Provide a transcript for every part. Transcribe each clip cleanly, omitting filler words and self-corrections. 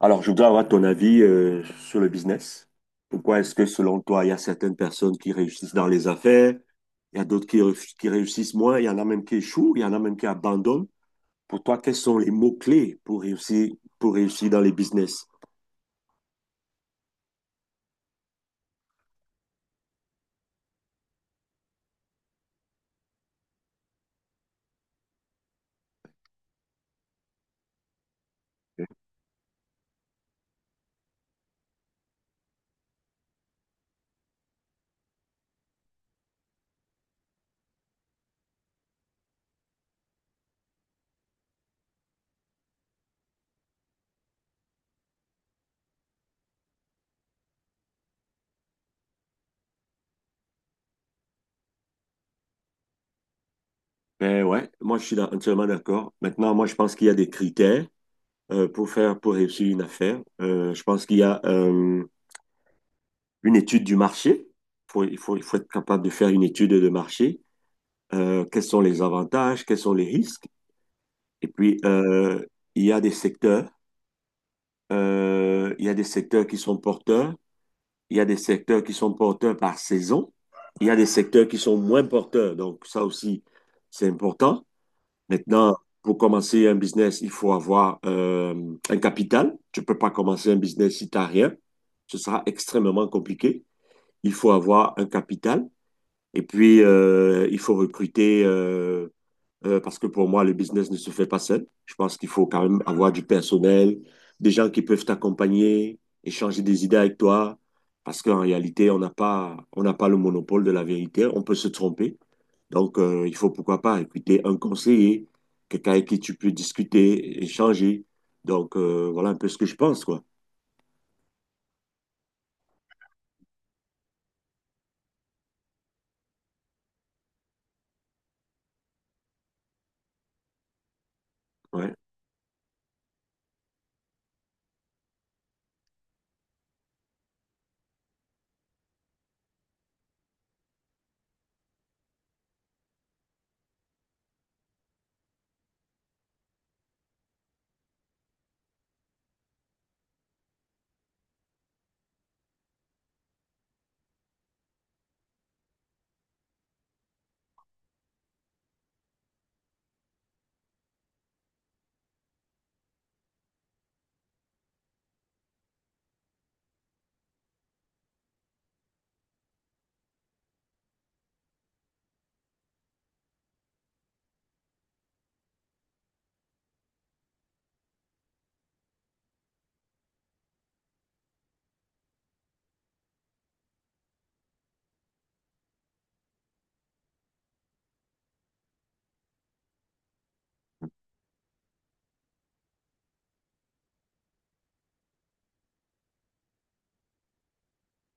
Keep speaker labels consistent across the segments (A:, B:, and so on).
A: Alors, je voudrais avoir ton avis sur le business. Pourquoi est-ce que, selon toi, il y a certaines personnes qui réussissent dans les affaires, il y a d'autres qui réussissent moins, il y en a même qui échouent, il y en a même qui abandonnent. Pour toi, quels sont les mots-clés pour réussir dans les business? Ben ouais, moi, entièrement d'accord. Maintenant, moi, je pense qu'il y a des critères pour réussir une affaire. Je pense qu'il y a une étude du marché. Il faut être capable de faire une étude de marché. Quels sont les avantages, quels sont les risques? Et puis, il y a des secteurs, il y a des secteurs qui sont porteurs, il y a des secteurs qui sont porteurs par saison, il y a des secteurs qui sont moins porteurs. Donc, ça aussi, c'est important. Maintenant, pour commencer un business, il faut avoir un capital. Tu ne peux pas commencer un business si tu n'as rien. Ce sera extrêmement compliqué. Il faut avoir un capital. Et puis, il faut recruter parce que pour moi, le business ne se fait pas seul. Je pense qu'il faut quand même avoir du personnel, des gens qui peuvent t'accompagner, échanger des idées avec toi, parce qu'en réalité, on n'a pas le monopole de la vérité, on peut se tromper. Donc, il faut pourquoi pas écouter un conseiller, quelqu'un avec qui tu peux discuter, échanger. Donc, voilà un peu ce que je pense, quoi. Ouais.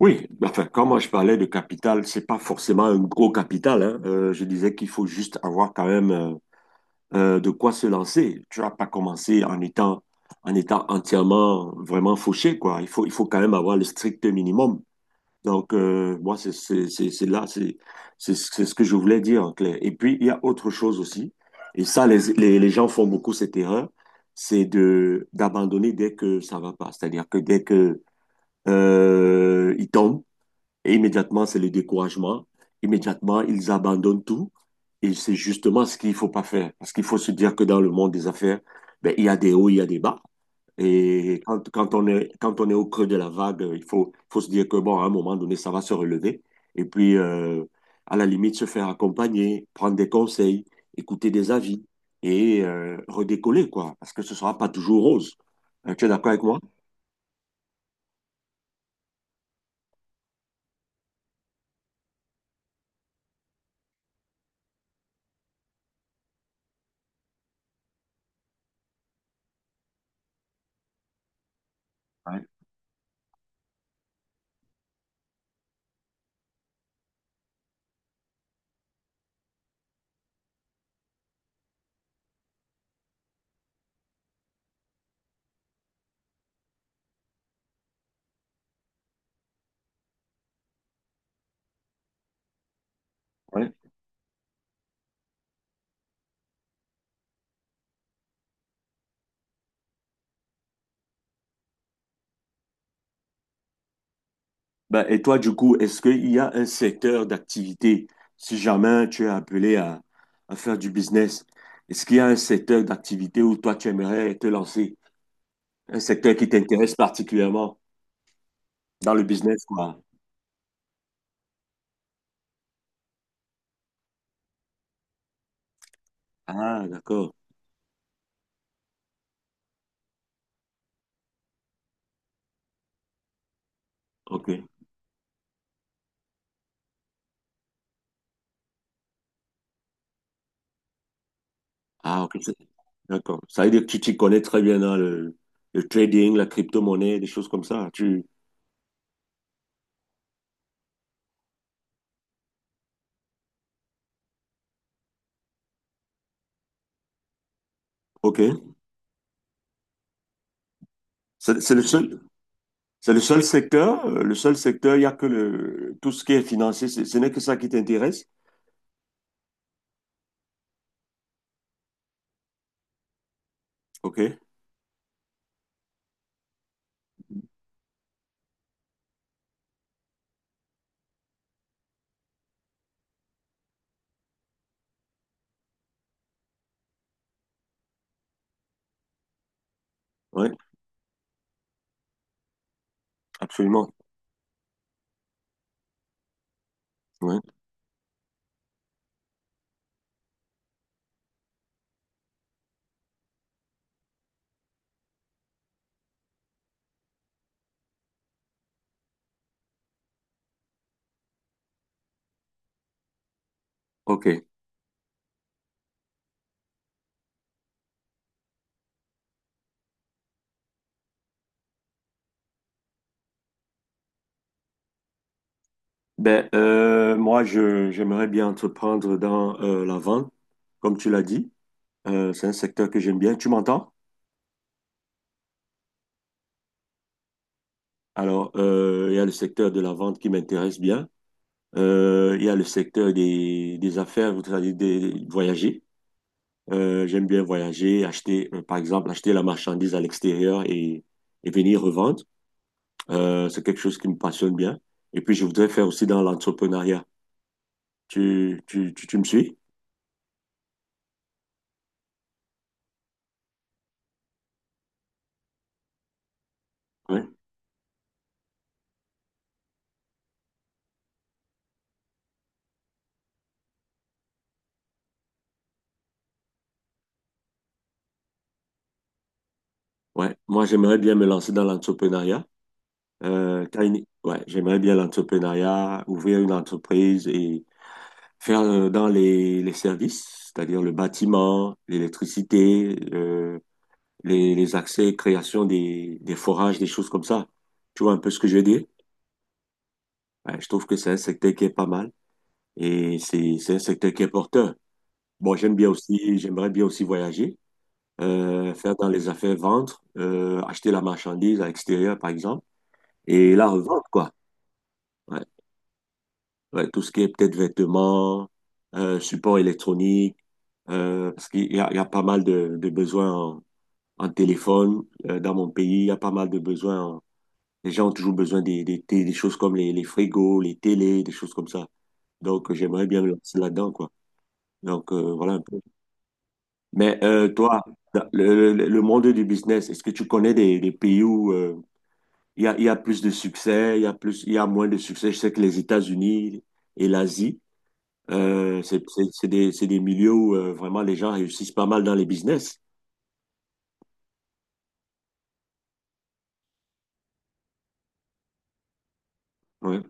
A: Oui, enfin, quand moi je parlais de capital, c'est pas forcément un gros capital, hein. Je disais qu'il faut juste avoir quand même de quoi se lancer. Tu vas pas commencer en étant entièrement vraiment fauché, quoi. Il faut quand même avoir le strict minimum. Donc, moi, c'est là, c'est ce que je voulais dire en clair. Et puis, il y a autre chose aussi, et ça, les gens font beaucoup cette erreur, c'est de d'abandonner dès que ça va pas. C'est-à-dire que dès que ils tombent, et immédiatement, c'est le découragement. Immédiatement, ils abandonnent tout. Et c'est justement ce qu'il ne faut pas faire. Parce qu'il faut se dire que dans le monde des affaires, ben, il y a des hauts, il y a des bas. Et quand on est au creux de la vague, faut se dire que, bon, à un moment donné, ça va se relever. Et puis, à la limite, se faire accompagner, prendre des conseils, écouter des avis et redécoller, quoi. Parce que ce ne sera pas toujours rose. Tu es d'accord avec moi? Ouais. Ouais. Ben, et toi, du coup, est-ce qu'il y a un secteur d'activité, si jamais tu es appelé à faire du business, est-ce qu'il y a un secteur d'activité où toi, tu aimerais te lancer? Un secteur qui t'intéresse particulièrement dans le business, quoi. Ah, d'accord. OK. Ah, OK. D'accord. Ça veut dire que tu t'y connais très bien dans le trading, la crypto-monnaie, des choses comme ça. Tu... OK. C'est c'est le seul, c'est le seul secteur. Le seul secteur, il n'y a que le, tout ce qui est financier. Ce n'est que ça qui t'intéresse. OK. Ouais. Absolument. Oui. OK. Ben, moi, j'aimerais bien entreprendre dans la vente, comme tu l'as dit. C'est un secteur que j'aime bien. Tu m'entends? Alors, il y a le secteur de la vente qui m'intéresse bien. Il y a le secteur des affaires, vous savez, des, voyager. J'aime bien voyager, acheter, par exemple, acheter la marchandise à l'extérieur et venir revendre. C'est quelque chose qui me passionne bien. Et puis, je voudrais faire aussi dans l'entrepreneuriat. Tu me suis? Ouais. Ouais, moi j'aimerais bien me lancer dans l'entrepreneuriat. Ouais, j'aimerais bien l'entrepreneuriat, ouvrir une entreprise et faire dans les services, c'est-à-dire le bâtiment, l'électricité, les accès, création des forages, des choses comme ça. Tu vois un peu ce que je veux dire? Ouais, je trouve que c'est un secteur qui est pas mal et c'est un secteur qui est porteur. Bon, j'aime bien aussi, j'aimerais bien aussi voyager, faire dans les affaires, vendre, acheter la marchandise à l'extérieur par exemple. Et la revente, quoi. Ouais. Ouais, tout ce qui est peut-être vêtements, support électronique, parce il y a pas mal de besoins en, en téléphone. Dans mon pays, il y a pas mal de besoins. Les gens ont toujours besoin des choses comme les frigos, les télés, des choses comme ça. Donc, j'aimerais bien me lancer là-dedans, quoi. Donc, voilà un peu. Mais toi, dans le monde du business, est-ce que tu connais des pays où il y a plus de succès, il y a plus, il y a moins de succès? Je sais que les États-Unis et l'Asie, c'est des milieux où vraiment les gens réussissent pas mal dans les business. Ouais,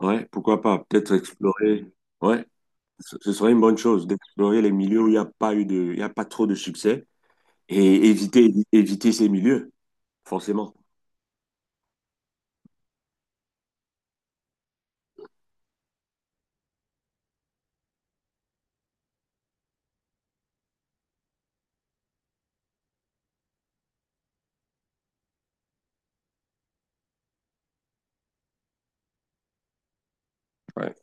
A: ouais, pourquoi pas? Peut-être explorer. Ouais, ce serait une bonne chose d'explorer les milieux où il y a pas trop de succès et éviter, éviter ces milieux, forcément. Ouais.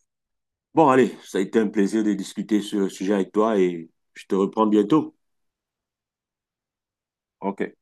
A: Bon, allez, ça a été un plaisir de discuter sur le sujet avec toi et je te reprends bientôt. OK.